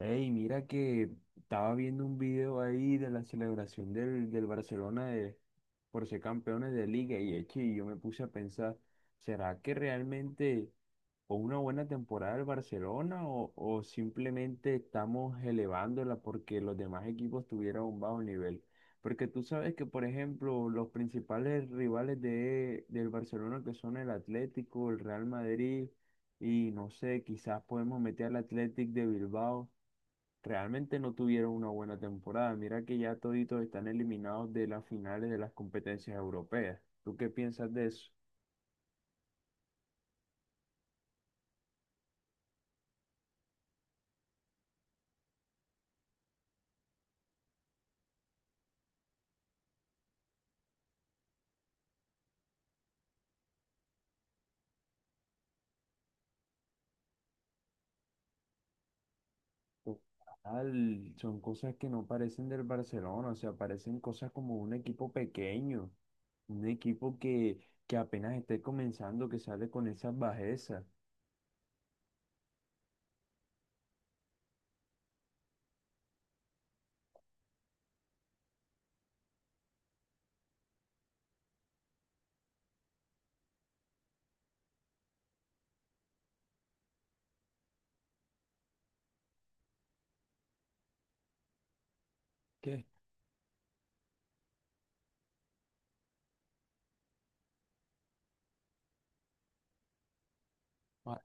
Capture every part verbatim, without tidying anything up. Hey, mira que estaba viendo un video ahí de la celebración del, del Barcelona de, por ser campeones de liga y, eche, y yo me puse a pensar, ¿será que realmente fue una buena temporada del Barcelona o, o simplemente estamos elevándola porque los demás equipos tuvieron un bajo nivel? Porque tú sabes que, por ejemplo, los principales rivales de, del Barcelona que son el Atlético, el Real Madrid y no sé, quizás podemos meter al Athletic de Bilbao realmente no tuvieron una buena temporada. Mira que ya toditos están eliminados de las finales de las competencias europeas. ¿Tú qué piensas de eso? Total, son cosas que no parecen del Barcelona, o sea, parecen cosas como un equipo pequeño, un equipo que, que apenas esté comenzando, que sale con esas bajezas. ¿Qué? Ah,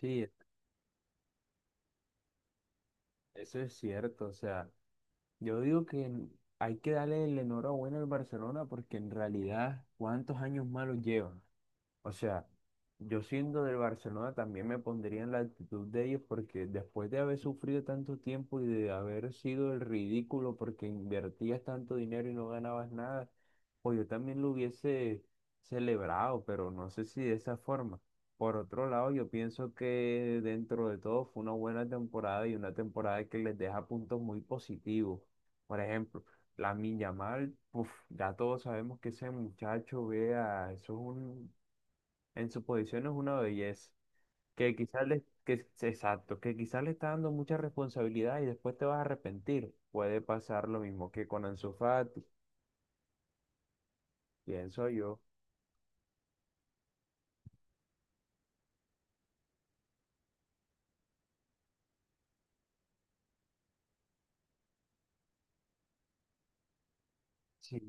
sí, eso es cierto, o sea, yo digo que en- hay que darle el enhorabuena al Barcelona porque en realidad, ¿cuántos años malos lleva? O sea, yo siendo del Barcelona también me pondría en la actitud de ellos porque después de haber sufrido tanto tiempo y de haber sido el ridículo porque invertías tanto dinero y no ganabas nada, pues yo también lo hubiese celebrado, pero no sé si de esa forma. Por otro lado, yo pienso que dentro de todo fue una buena temporada y una temporada que les deja puntos muy positivos. Por ejemplo, la Yamal, uf, ya todos sabemos que ese muchacho, vea, eso es un en su posición es una belleza. Que quizás le, que, exacto, que quizás le está dando mucha responsabilidad y después te vas a arrepentir. Puede pasar lo mismo que con Ansu Fati, pienso yo. Sí,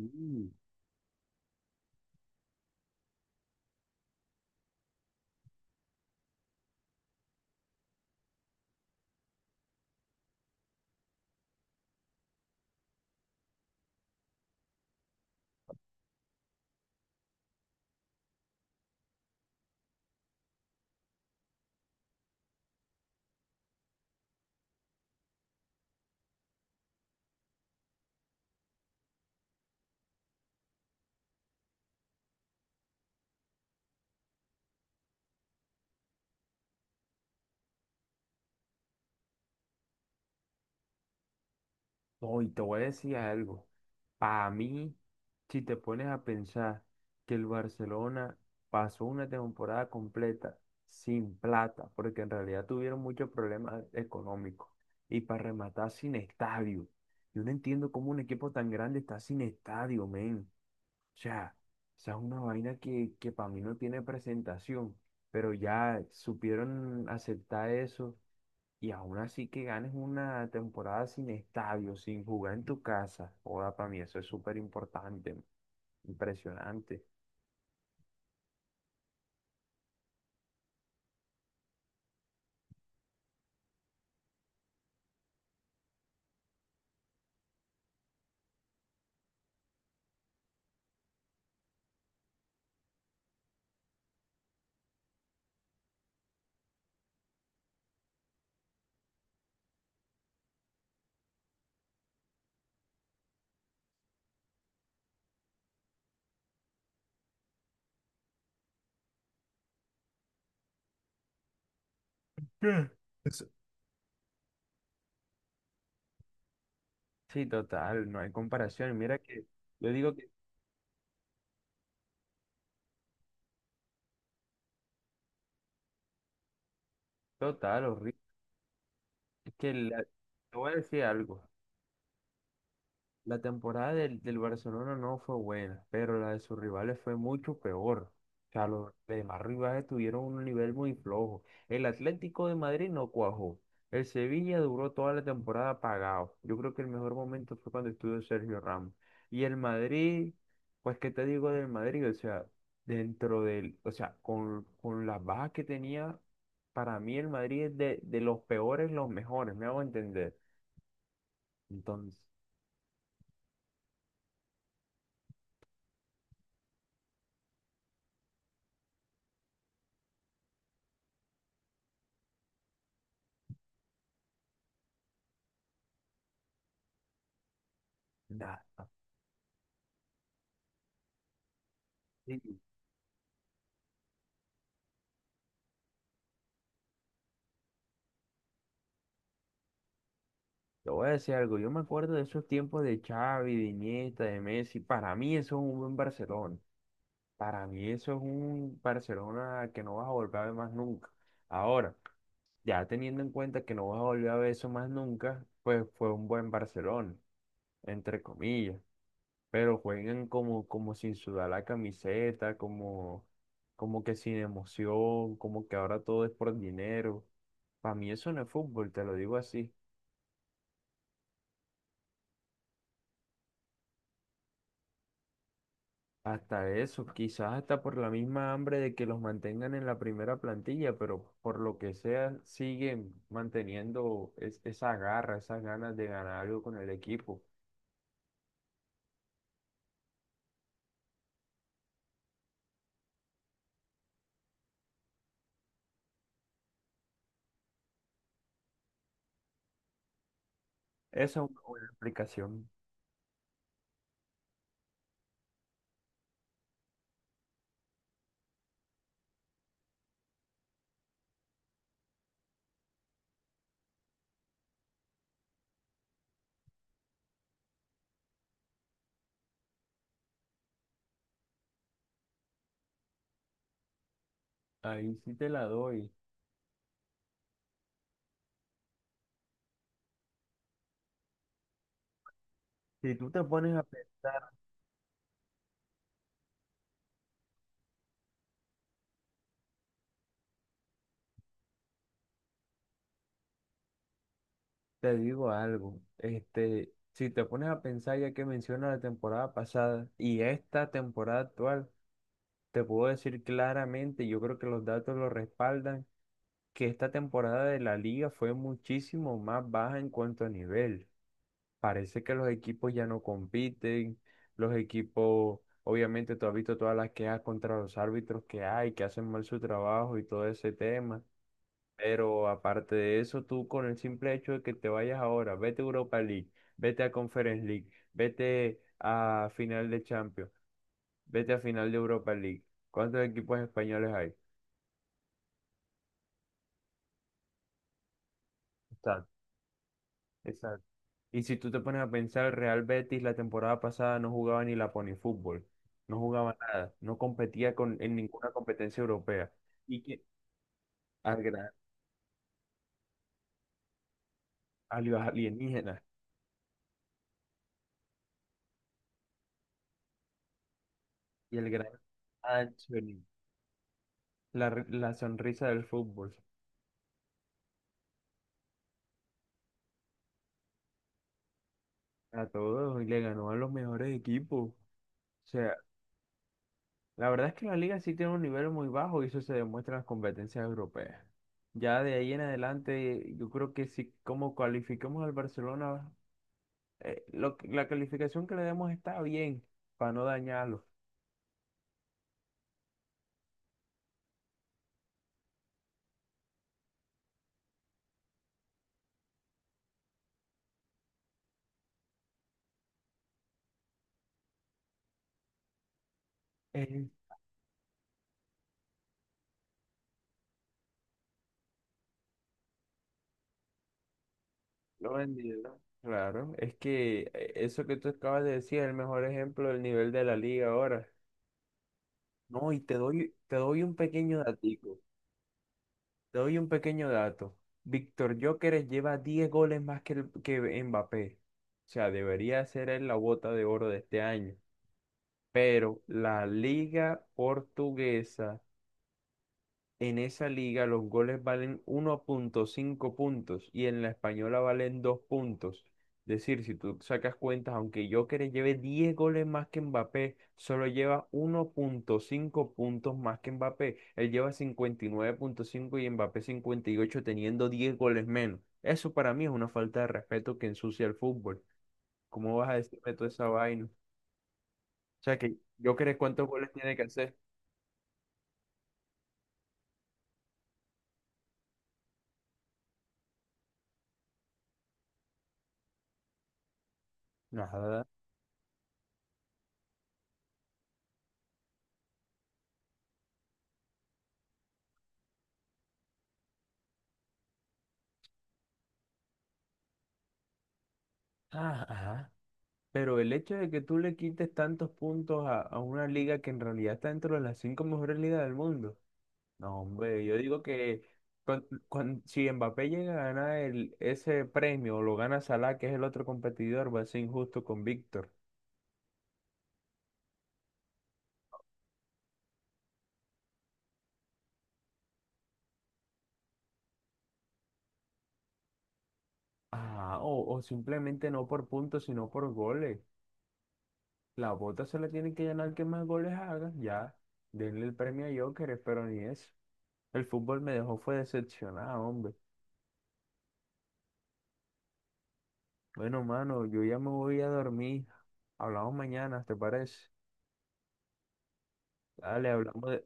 hoy te voy a decir algo. Para mí, si te pones a pensar que el Barcelona pasó una temporada completa sin plata, porque en realidad tuvieron muchos problemas económicos, y para rematar sin estadio. Yo no entiendo cómo un equipo tan grande está sin estadio, men. O sea, esa es una vaina que, que para mí no tiene presentación, pero ya supieron aceptar eso y aún así que ganes una temporada sin estadio, sin jugar en tu casa. Joda, para mí eso es súper importante, impresionante. Eh, eso- Sí, total, no hay comparación. Mira que yo digo que total, horrible. Es que la- te voy a decir algo. La temporada del, del Barcelona no fue buena, pero la de sus rivales fue mucho peor. O sea, los demás rivales tuvieron un nivel muy flojo. El Atlético de Madrid no cuajó. El Sevilla duró toda la temporada apagado. Yo creo que el mejor momento fue cuando estuvo Sergio Ramos. Y el Madrid, pues, ¿qué te digo del Madrid? O sea, dentro del, o sea, con, con las bajas que tenía, para mí el Madrid es de, de los peores, los mejores, me hago entender. Entonces, nada. Sí. Te voy a decir algo, yo me acuerdo de esos tiempos de Xavi, de Iniesta, de Messi. Para mí eso es un buen Barcelona. Para mí eso es un Barcelona que no vas a volver a ver más nunca. Ahora, ya teniendo en cuenta que no vas a volver a ver eso más nunca, pues fue un buen Barcelona, entre comillas. Pero juegan como, como sin sudar la camiseta, como, como que sin emoción, como que ahora todo es por dinero. Para mí eso no es fútbol, te lo digo así. Hasta eso, quizás hasta por la misma hambre de que los mantengan en la primera plantilla, pero por lo que sea, siguen manteniendo es- esa garra, esas ganas de ganar algo con el equipo. Esa es una buena explicación. Ahí sí te la doy. Si tú te pones a pensar, te digo algo. Este, si te pones a pensar, ya que menciona la temporada pasada y esta temporada actual, te puedo decir claramente, yo creo que los datos lo respaldan que esta temporada de la liga fue muchísimo más baja en cuanto a nivel. Parece que los equipos ya no compiten, los equipos, obviamente tú has visto todas las quejas contra los árbitros que hay, que hacen mal su trabajo y todo ese tema. Pero aparte de eso, tú con el simple hecho de que te vayas ahora, vete a Europa League, vete a Conference League, vete a final de Champions, vete a final de Europa League. ¿Cuántos equipos españoles hay? Exacto, exacto. Y si tú te pones a pensar, el Real Betis la temporada pasada no jugaba ni la fútbol, no jugaba nada, no competía con, en ninguna competencia europea. Y que al gran, a los alienígenas y el gran Anthony, la, re- la sonrisa del fútbol, a todos y le ganó a los mejores equipos. O sea, la verdad es que la liga sí tiene un nivel muy bajo y eso se demuestra en las competencias europeas. Ya de ahí en adelante, yo creo que si como cualificamos al Barcelona eh, lo que- la calificación que le demos está bien, para no dañarlo. Eh, lo vendieron. Claro, es que eh, eso que tú acabas de decir es el mejor ejemplo del nivel de la liga ahora. No, y te doy, te doy un pequeño datico, te doy un pequeño dato. Víctor Gyökeres lleva diez goles más que, el- que Mbappé. O sea, debería ser él la bota de oro de este año. Pero la liga portuguesa en esa liga los goles valen uno punto cinco puntos y en la española valen dos puntos. Es decir, si tú sacas cuentas, aunque Joker lleve diez goles más que Mbappé, solo lleva uno punto cinco puntos más que Mbappé. Él lleva cincuenta y nueve punto cinco y Mbappé cincuenta y ocho teniendo diez goles menos. Eso para mí es una falta de respeto que ensucia el fútbol. ¿Cómo vas a decirme toda esa vaina? O sea que Joker, ¿cuántos goles tiene que hacer? Nada. Ah, ajá. Pero el hecho de que tú le quites tantos puntos a, a una liga que en realidad está dentro de las cinco mejores ligas del mundo. No, hombre, yo digo que cuan- cuan- si Mbappé llega a ganar el, ese premio o lo gana Salah, que es el otro competidor, va a ser injusto con Víctor. Ah, o, o simplemente no por puntos, sino por goles. La bota se la tiene que ganar que más goles haga, ya. Denle el premio a Joker, pero ni eso. El fútbol me dejó fue decepcionado, hombre. Bueno, mano, yo ya me voy a dormir. Hablamos mañana, ¿te parece? Dale, hablamos, de-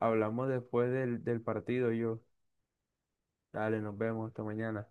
hablamos después del, del partido yo. Dale, nos vemos hasta mañana.